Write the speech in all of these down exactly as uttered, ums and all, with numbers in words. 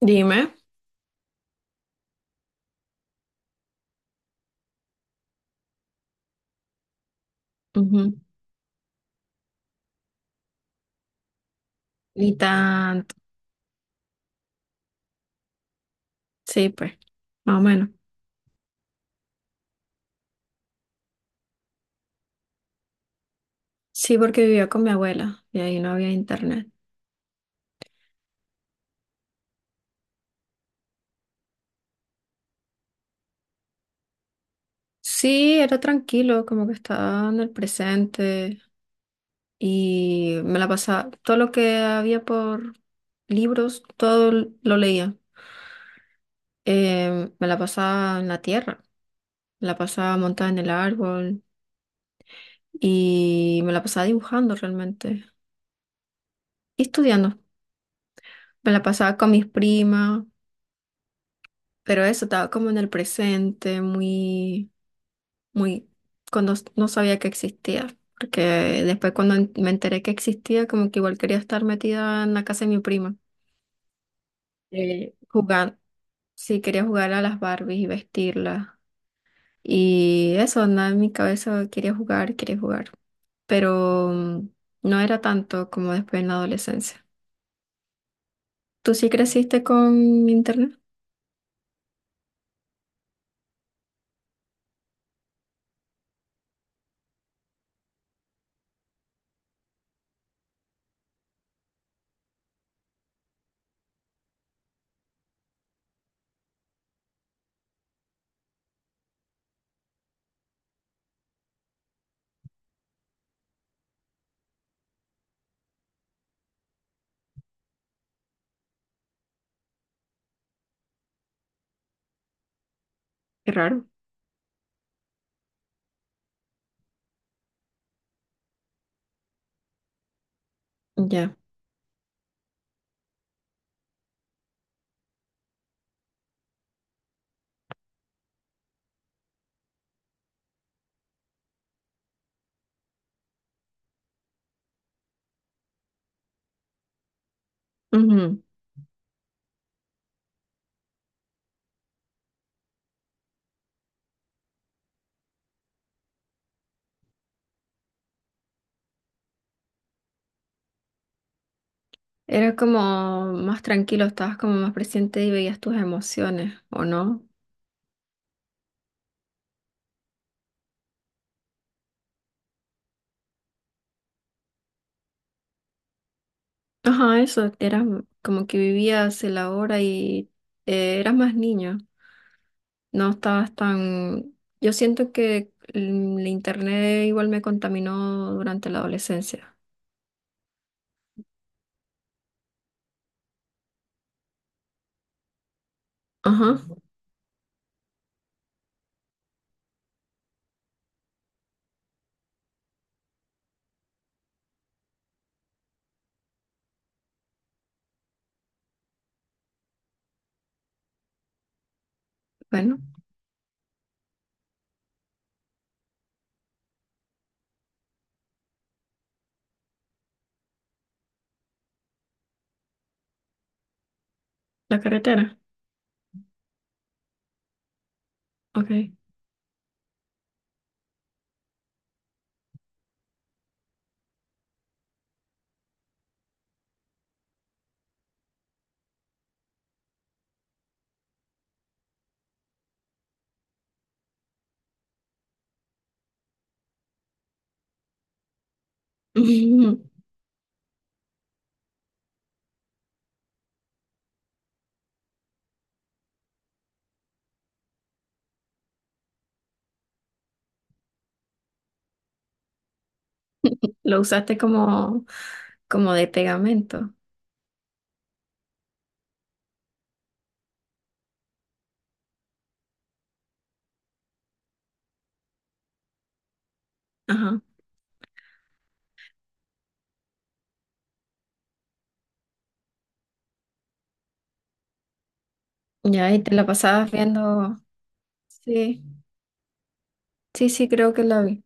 Dime. Ujú. Ni tanto. Sí, pues, más o menos. Sí, porque vivía con mi abuela y ahí no había internet. Sí, era tranquilo, como que estaba en el presente y me la pasaba. Todo lo que había por libros, todo lo leía. Eh, me la pasaba en la tierra, me la pasaba montada en el árbol y me la pasaba dibujando realmente y estudiando. Me la pasaba con mis primas, pero eso estaba como en el presente, muy muy, cuando s- no sabía que existía, porque después cuando en- me enteré que existía, como que igual quería estar metida en la casa de mi prima, eh, jugar, sí, quería jugar a las Barbies y vestirlas. Y eso, nada en mi cabeza, quería jugar, quería jugar, pero mm, no era tanto como después en la adolescencia. ¿Tú sí creciste con internet? Qué raro. Ya. Ujú. Era como más tranquilo, estabas como más presente y veías tus emociones, ¿o no? Ajá, eso, eras como que vivías el ahora y eh, eras más niño, no estabas tan... Yo siento que el, el internet igual me contaminó durante la adolescencia. Ajá, bueno, la carretera, ok. Lo usaste como, como de pegamento. Ajá, ya, y te la pasabas viendo... Sí, sí, sí, creo que la vi.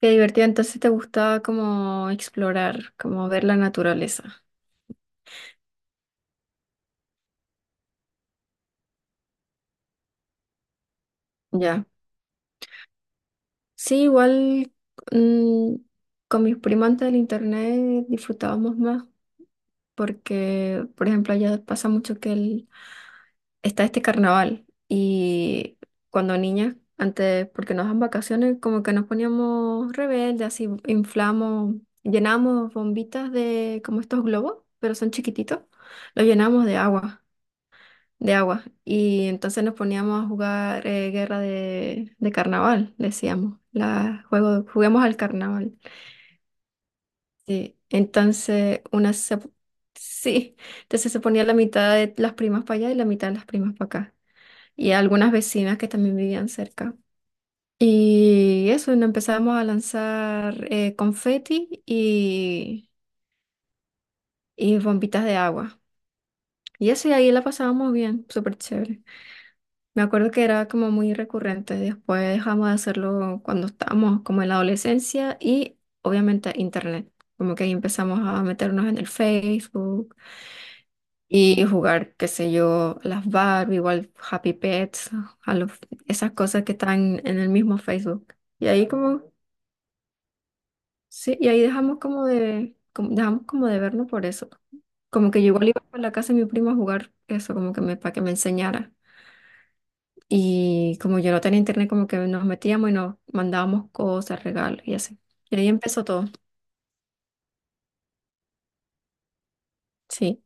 Qué divertido, entonces te gustaba como explorar, como ver la naturaleza. Ya. Sí, igual mm, con mis primas antes del internet disfrutábamos más porque, por ejemplo, allá pasa mucho que el- está este carnaval y cuando niñas, antes, porque nos dan vacaciones, como que nos poníamos rebeldes, así inflamos, llenamos bombitas de como estos globos, pero son chiquititos, los llenamos de agua, de agua y entonces nos poníamos a jugar eh, guerra de, de carnaval, decíamos, la, juego, juguemos al carnaval. Sí, entonces una se, sí, entonces se ponía la mitad de las primas para allá y la mitad de las primas para acá. Y algunas vecinas que también vivían cerca. Y eso, nos empezamos a lanzar eh, confeti y, y bombitas de agua. Y eso, y ahí la pasábamos bien, súper chévere. Me acuerdo que era como muy recurrente. Después dejamos de hacerlo cuando estábamos como en la adolescencia y obviamente internet. Como que ahí empezamos a meternos en el Facebook. Y jugar, qué sé yo, las Barbie, igual Happy Pets, a los, esas cosas que están en el mismo Facebook. Y ahí como, sí, y ahí dejamos como de, como- dejamos como de vernos por eso. Como que yo igual iba a la casa de mi primo a jugar eso, como que me, para que me enseñara. Y como yo no tenía internet, como que nos metíamos y nos mandábamos cosas, regalos y así. Y ahí empezó todo, sí.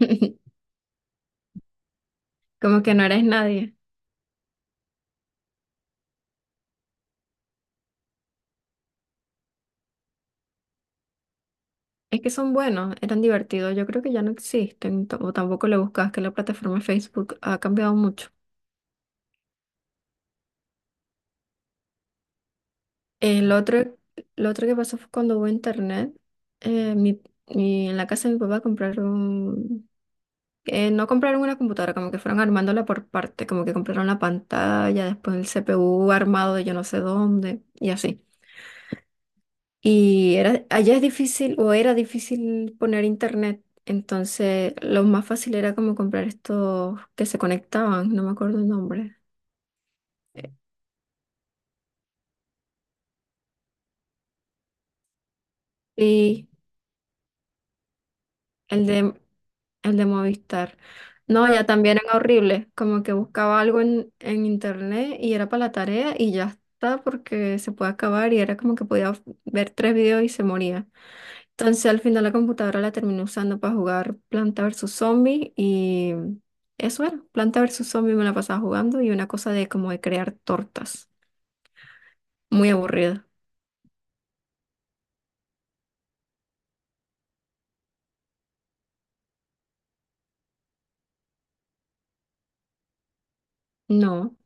Como que no eres nadie. Es que son buenos, eran divertidos. Yo creo que ya no existen, t- o tampoco le buscas, que la plataforma de Facebook ha cambiado mucho. El otro, lo otro que pasó fue cuando hubo internet. eh, mi, mi- en la casa de mi papá compraron, eh, no compraron una computadora, como que fueron armándola por parte, como que compraron la pantalla, después el C P U armado de yo no sé dónde, y así. Y era, allá es difícil o era difícil poner internet, entonces lo más fácil era como comprar estos que se conectaban, no me acuerdo el nombre. eh, y el de, el de Movistar. No, ya también era horrible, como que buscaba algo en, en internet y era para la tarea y ya está porque se puede acabar y era como que podía ver tres videos y se moría. Entonces al final la computadora la terminé usando para jugar Planta versus Zombie y eso era, Planta versus Zombie me la pasaba jugando y una cosa de como de crear tortas, muy aburrida. No,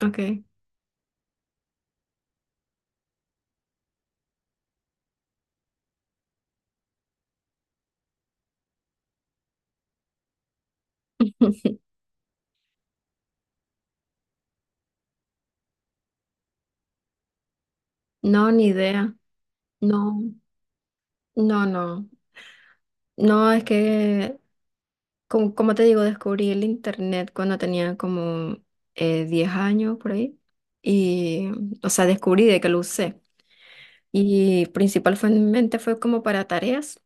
ok. No, ni idea. No, no, no. No, es que, como, como te digo, descubrí el internet cuando tenía como eh, diez años por ahí. Y, o sea, descubrí de que lo usé. Y principalmente fue como para tareas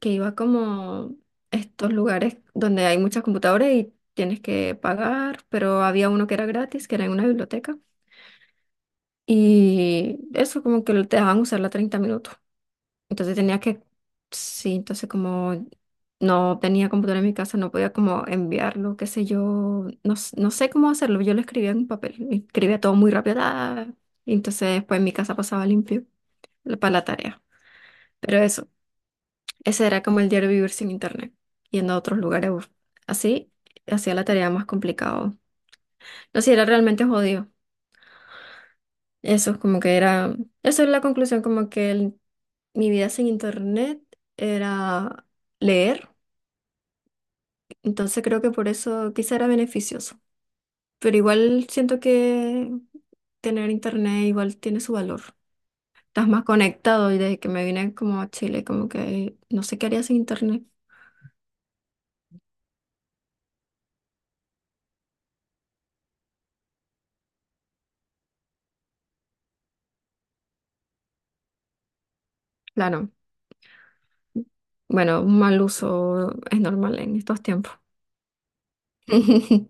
que iba como estos lugares donde hay muchas computadoras y tienes que pagar, pero había uno que era gratis, que era en una biblioteca, y eso como que te dejaban usarla treinta minutos. Entonces tenía que, sí, entonces como no tenía computadora en mi casa, no podía como enviarlo, qué sé yo, no, s- no sé cómo hacerlo, yo lo escribía en un papel, escribía todo muy rápido, ah, y entonces después en mi casa pasaba limpio para la tarea. Pero eso. Ese era como el diario vivir sin internet, yendo a otros lugares. bus- Así hacía la tarea más complicada. No sé, era realmente jodido. Eso es como que era, eso es la conclusión, como que el- mi vida sin internet era leer. Entonces creo que por eso quizá era beneficioso. Pero igual siento que tener internet igual tiene su valor. Estás más conectado y desde que me vine como a Chile, como que no sé qué haría sin internet. Claro. Bueno, un mal uso es normal en estos tiempos.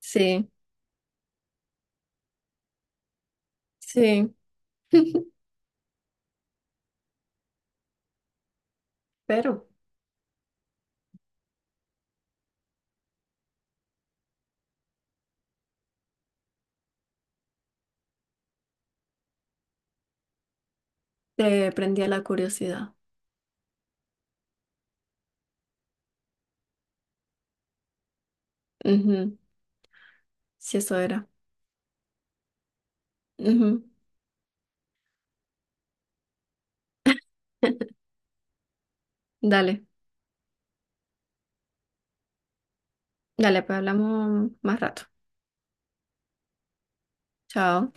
Sí, sí. Pero te prendía la curiosidad. Ujú, sí, eso era. Ujú. Dale, dale, pues hablamos más rato. Chao.